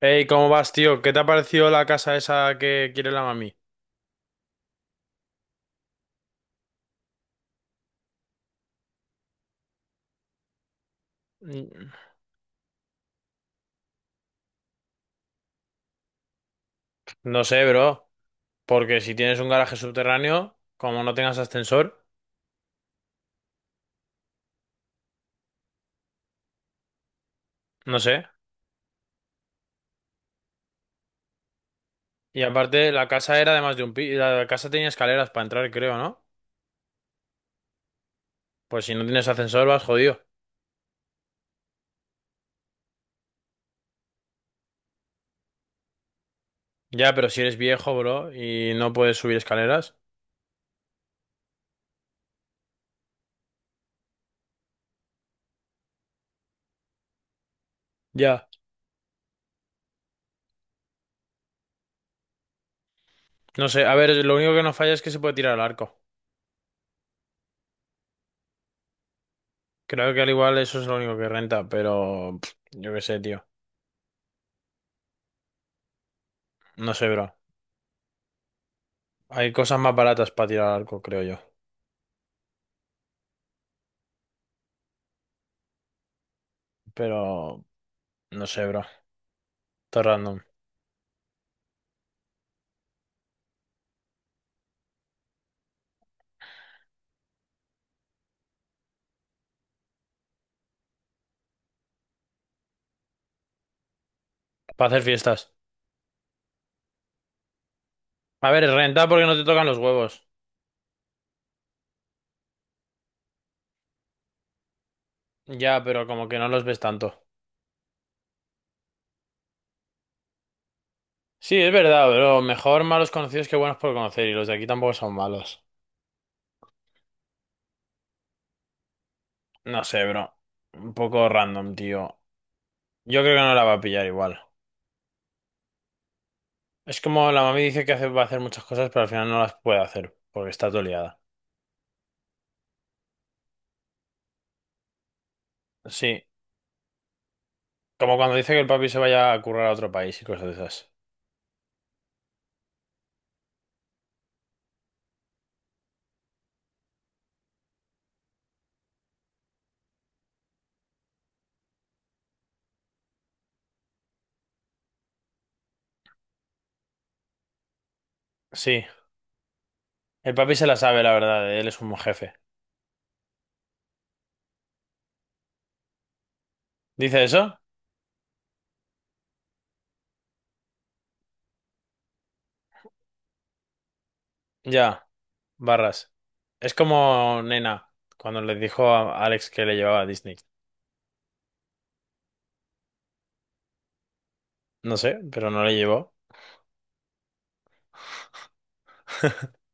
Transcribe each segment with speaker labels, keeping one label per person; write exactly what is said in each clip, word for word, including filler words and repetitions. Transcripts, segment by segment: Speaker 1: Hey, ¿cómo vas, tío? ¿Qué te ha parecido la casa esa que quiere la mami? Mm. No sé, bro. Porque si tienes un garaje subterráneo, como no tengas ascensor, no sé. Y aparte, la casa era además de un piso. La casa tenía escaleras para entrar, creo, ¿no? Pues si no tienes ascensor, vas jodido. Ya, pero si eres viejo, bro, y no puedes subir escaleras. Ya. No sé, a ver, lo único que no falla es que se puede tirar al arco. Creo que al igual eso es lo único que renta, pero pff, yo qué sé, tío. No sé, bro. Hay cosas más baratas para tirar al arco, creo yo. Pero no sé, bro. Todo random. Para hacer fiestas. A ver, renta porque no te tocan los huevos. Ya, pero como que no los ves tanto. Sí, es verdad, bro. Mejor malos conocidos que buenos por conocer. Y los de aquí tampoco son malos. No sé, bro. Un poco random, tío. Yo creo que no la va a pillar igual. Es como la mami dice que hace- va a hacer muchas cosas, pero al final no las puede hacer. Porque está todo liada. Sí. Como cuando dice que el papi se vaya a currar a otro país y cosas de esas. Sí. El papi se la sabe, la verdad. Él es un jefe. ¿Dice eso? Ya. Barras. Es como Nena, cuando le dijo a Alex que le llevaba a Disney. No sé, pero no le llevó.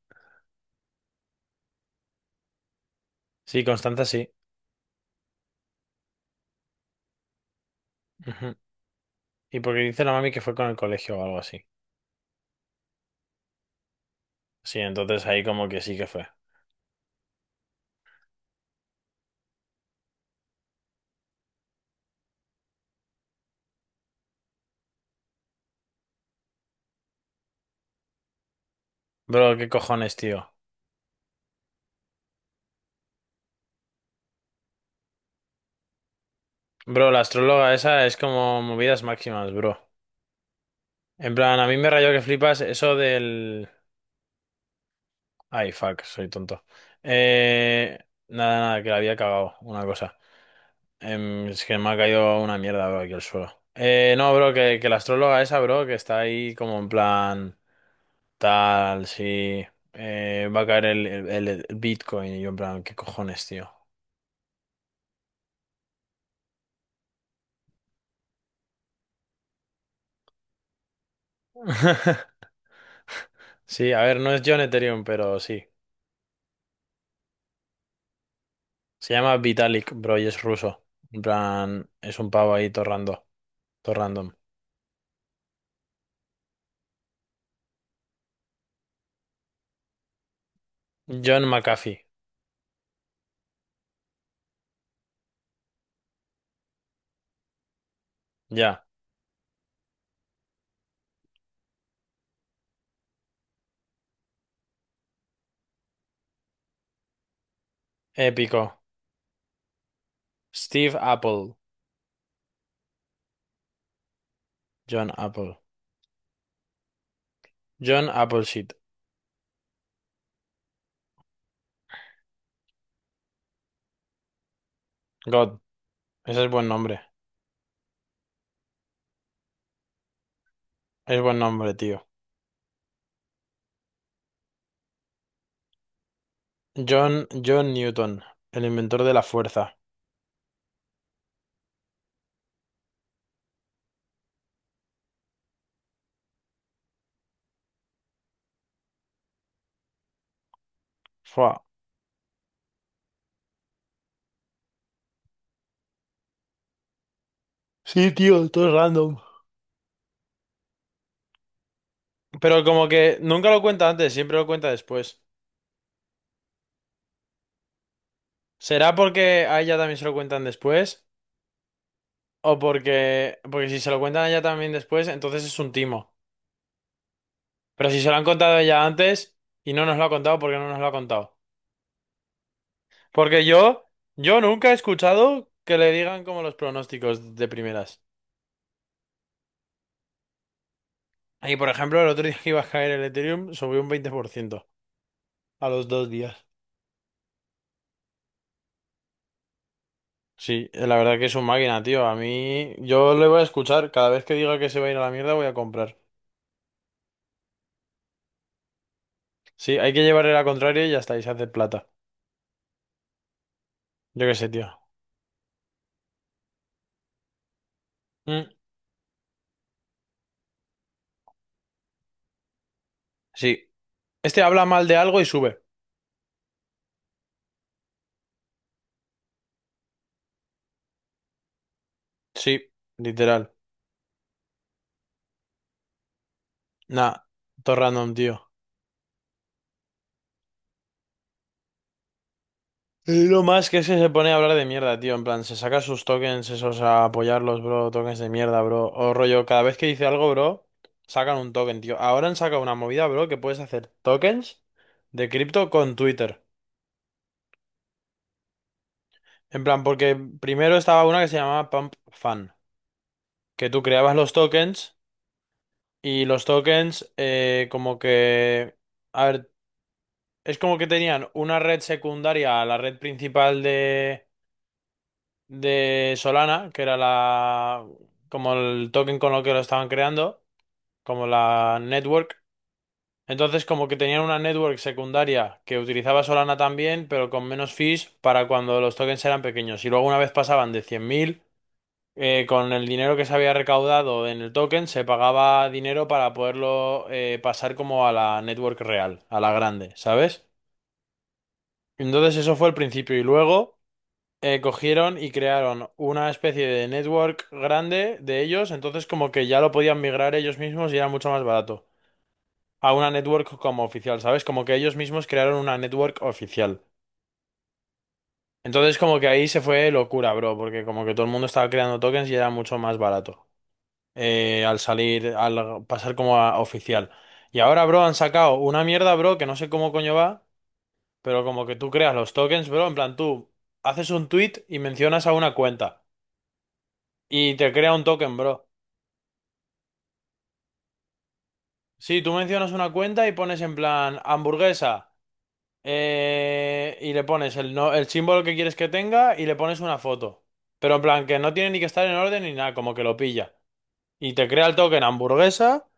Speaker 1: Sí, Constanza sí. Ujú. Y porque dice la mami que fue con el colegio o algo así. Sí, entonces ahí como que sí que fue. Bro, qué cojones, tío. Bro, la astróloga esa es como movidas máximas, bro. En plan, a mí me rayó que flipas eso del... Ay, fuck, soy tonto. Eh... Nada, nada, que la había cagado, una cosa. Em, es que me ha caído una mierda, bro, aquí al suelo. Eh, no, bro, que, que la astróloga esa, bro, que está ahí como en plan tal, sí, eh, va a caer el, el- el- el Bitcoin. Y yo en plan, ¿qué cojones, tío? Sí, a ver, no es John Ethereum, pero sí. Se llama Vitalik, bro, y es ruso. En plan, es un pavo ahí torrando, random. Todo random. John McAfee, ya. Épico. Steve Apple, John Apple. John Appleseed, God, ese es buen nombre. Es buen nombre, tío. John, John Newton, el inventor de la fuerza. Fua. Sí, tío, todo es random. Pero como que nunca lo cuenta antes, siempre lo cuenta después. ¿Será porque a ella también se lo cuentan después? ¿O porque... Porque si se lo cuentan a ella también después, entonces es un timo. Pero si se lo han contado a ella antes y no nos lo ha contado, ¿por qué no nos lo ha contado? Porque yo, yo nunca he escuchado que le digan como los pronósticos de primeras. Y por ejemplo, el otro día que iba a caer el Ethereum, subió un veinte por ciento a los dos días. Sí, eh, la verdad que es un máquina, tío. A mí, yo le voy a escuchar. Cada vez que diga que se va a ir a la mierda, voy a comprar. Sí, hay que llevarle la contraria y ya está, y se hace plata. Yo qué sé, tío. Mm, sí. Este habla mal de algo y sube. Sí, literal. Nah, todo random, tío. Y lo más que es que se pone a hablar de mierda, tío. En plan, se saca sus tokens esos a apoyarlos, bro. Tokens de mierda, bro. O rollo, cada vez que dice algo, bro, sacan un token, tío. Ahora han sacado una movida, bro, que puedes hacer tokens de cripto con Twitter. En plan, porque primero estaba una que se llamaba Pump Fun, que tú creabas los tokens y los tokens eh, como que... A ver, es como que tenían una red secundaria a la red principal de, de Solana, que era la... Como el token con lo que lo estaban creando, como la network. Entonces como que tenían una network secundaria que utilizaba Solana también, pero con menos fees para cuando los tokens eran pequeños. Y luego una vez pasaban de cien mil eh, con el dinero que se había recaudado en el token, se pagaba dinero para poderlo eh, pasar como a la network real, a la grande, ¿sabes? Entonces eso fue el principio y luego eh, cogieron y crearon una especie de network grande de ellos, entonces como que ya lo podían migrar ellos mismos y era mucho más barato a una network como oficial, ¿sabes? Como que ellos mismos crearon una network oficial. Entonces como que ahí se fue locura, bro, porque como que todo el mundo estaba creando tokens y era mucho más barato eh, al salir, al pasar como a oficial. Y ahora, bro, han sacado una mierda, bro, que no sé cómo coño va, pero como que tú creas los tokens, bro, en plan tú haces un tweet y mencionas a una cuenta y te crea un token, bro. Sí, tú mencionas una cuenta y pones en plan hamburguesa eh, y le pones el, no, el símbolo que quieres que tenga y le pones una foto. Pero en plan que no tiene ni que estar en orden ni nada, como que lo pilla. Y te crea el token hamburguesa.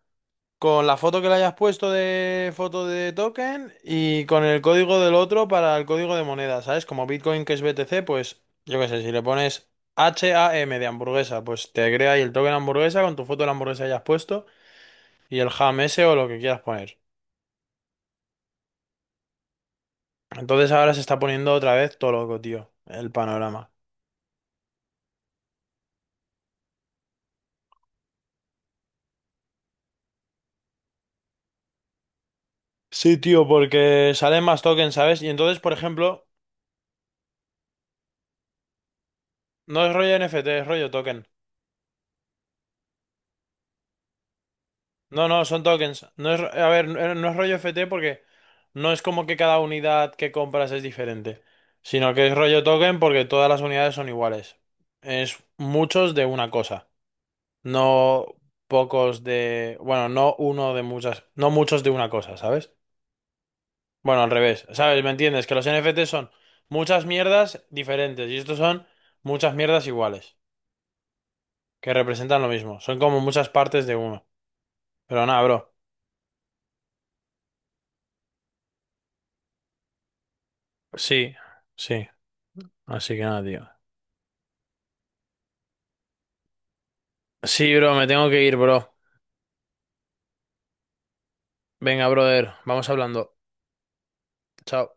Speaker 1: Con la foto que le hayas puesto de foto de token y con el código del otro para el código de moneda, ¿sabes? Como Bitcoin que es B T C, pues yo qué sé, si le pones H A M de hamburguesa, pues te crea ahí el token hamburguesa con tu foto de la hamburguesa que hayas puesto y el ham ese o lo que quieras poner. Entonces ahora se está poniendo otra vez todo loco, tío, el panorama. Sí, tío, porque salen más tokens, ¿sabes? Y entonces, por ejemplo, no es rollo N F T, es rollo token. No, no, son tokens. No es, a ver, no no es rollo F T porque no es como que cada unidad que compras es diferente, sino que es rollo token porque todas las unidades son iguales. Es muchos de una cosa, no pocos de, bueno, no uno de muchas, no muchos de una cosa, ¿sabes? Bueno, al revés, ¿sabes? ¿Me entiendes? Que los N F T son muchas mierdas diferentes y estos son muchas mierdas iguales, que representan lo mismo. Son como muchas partes de uno. Pero nada, bro. Sí, sí. Así que nada, tío. Sí, bro, me tengo que ir, bro. Venga, brother, vamos hablando. Chao.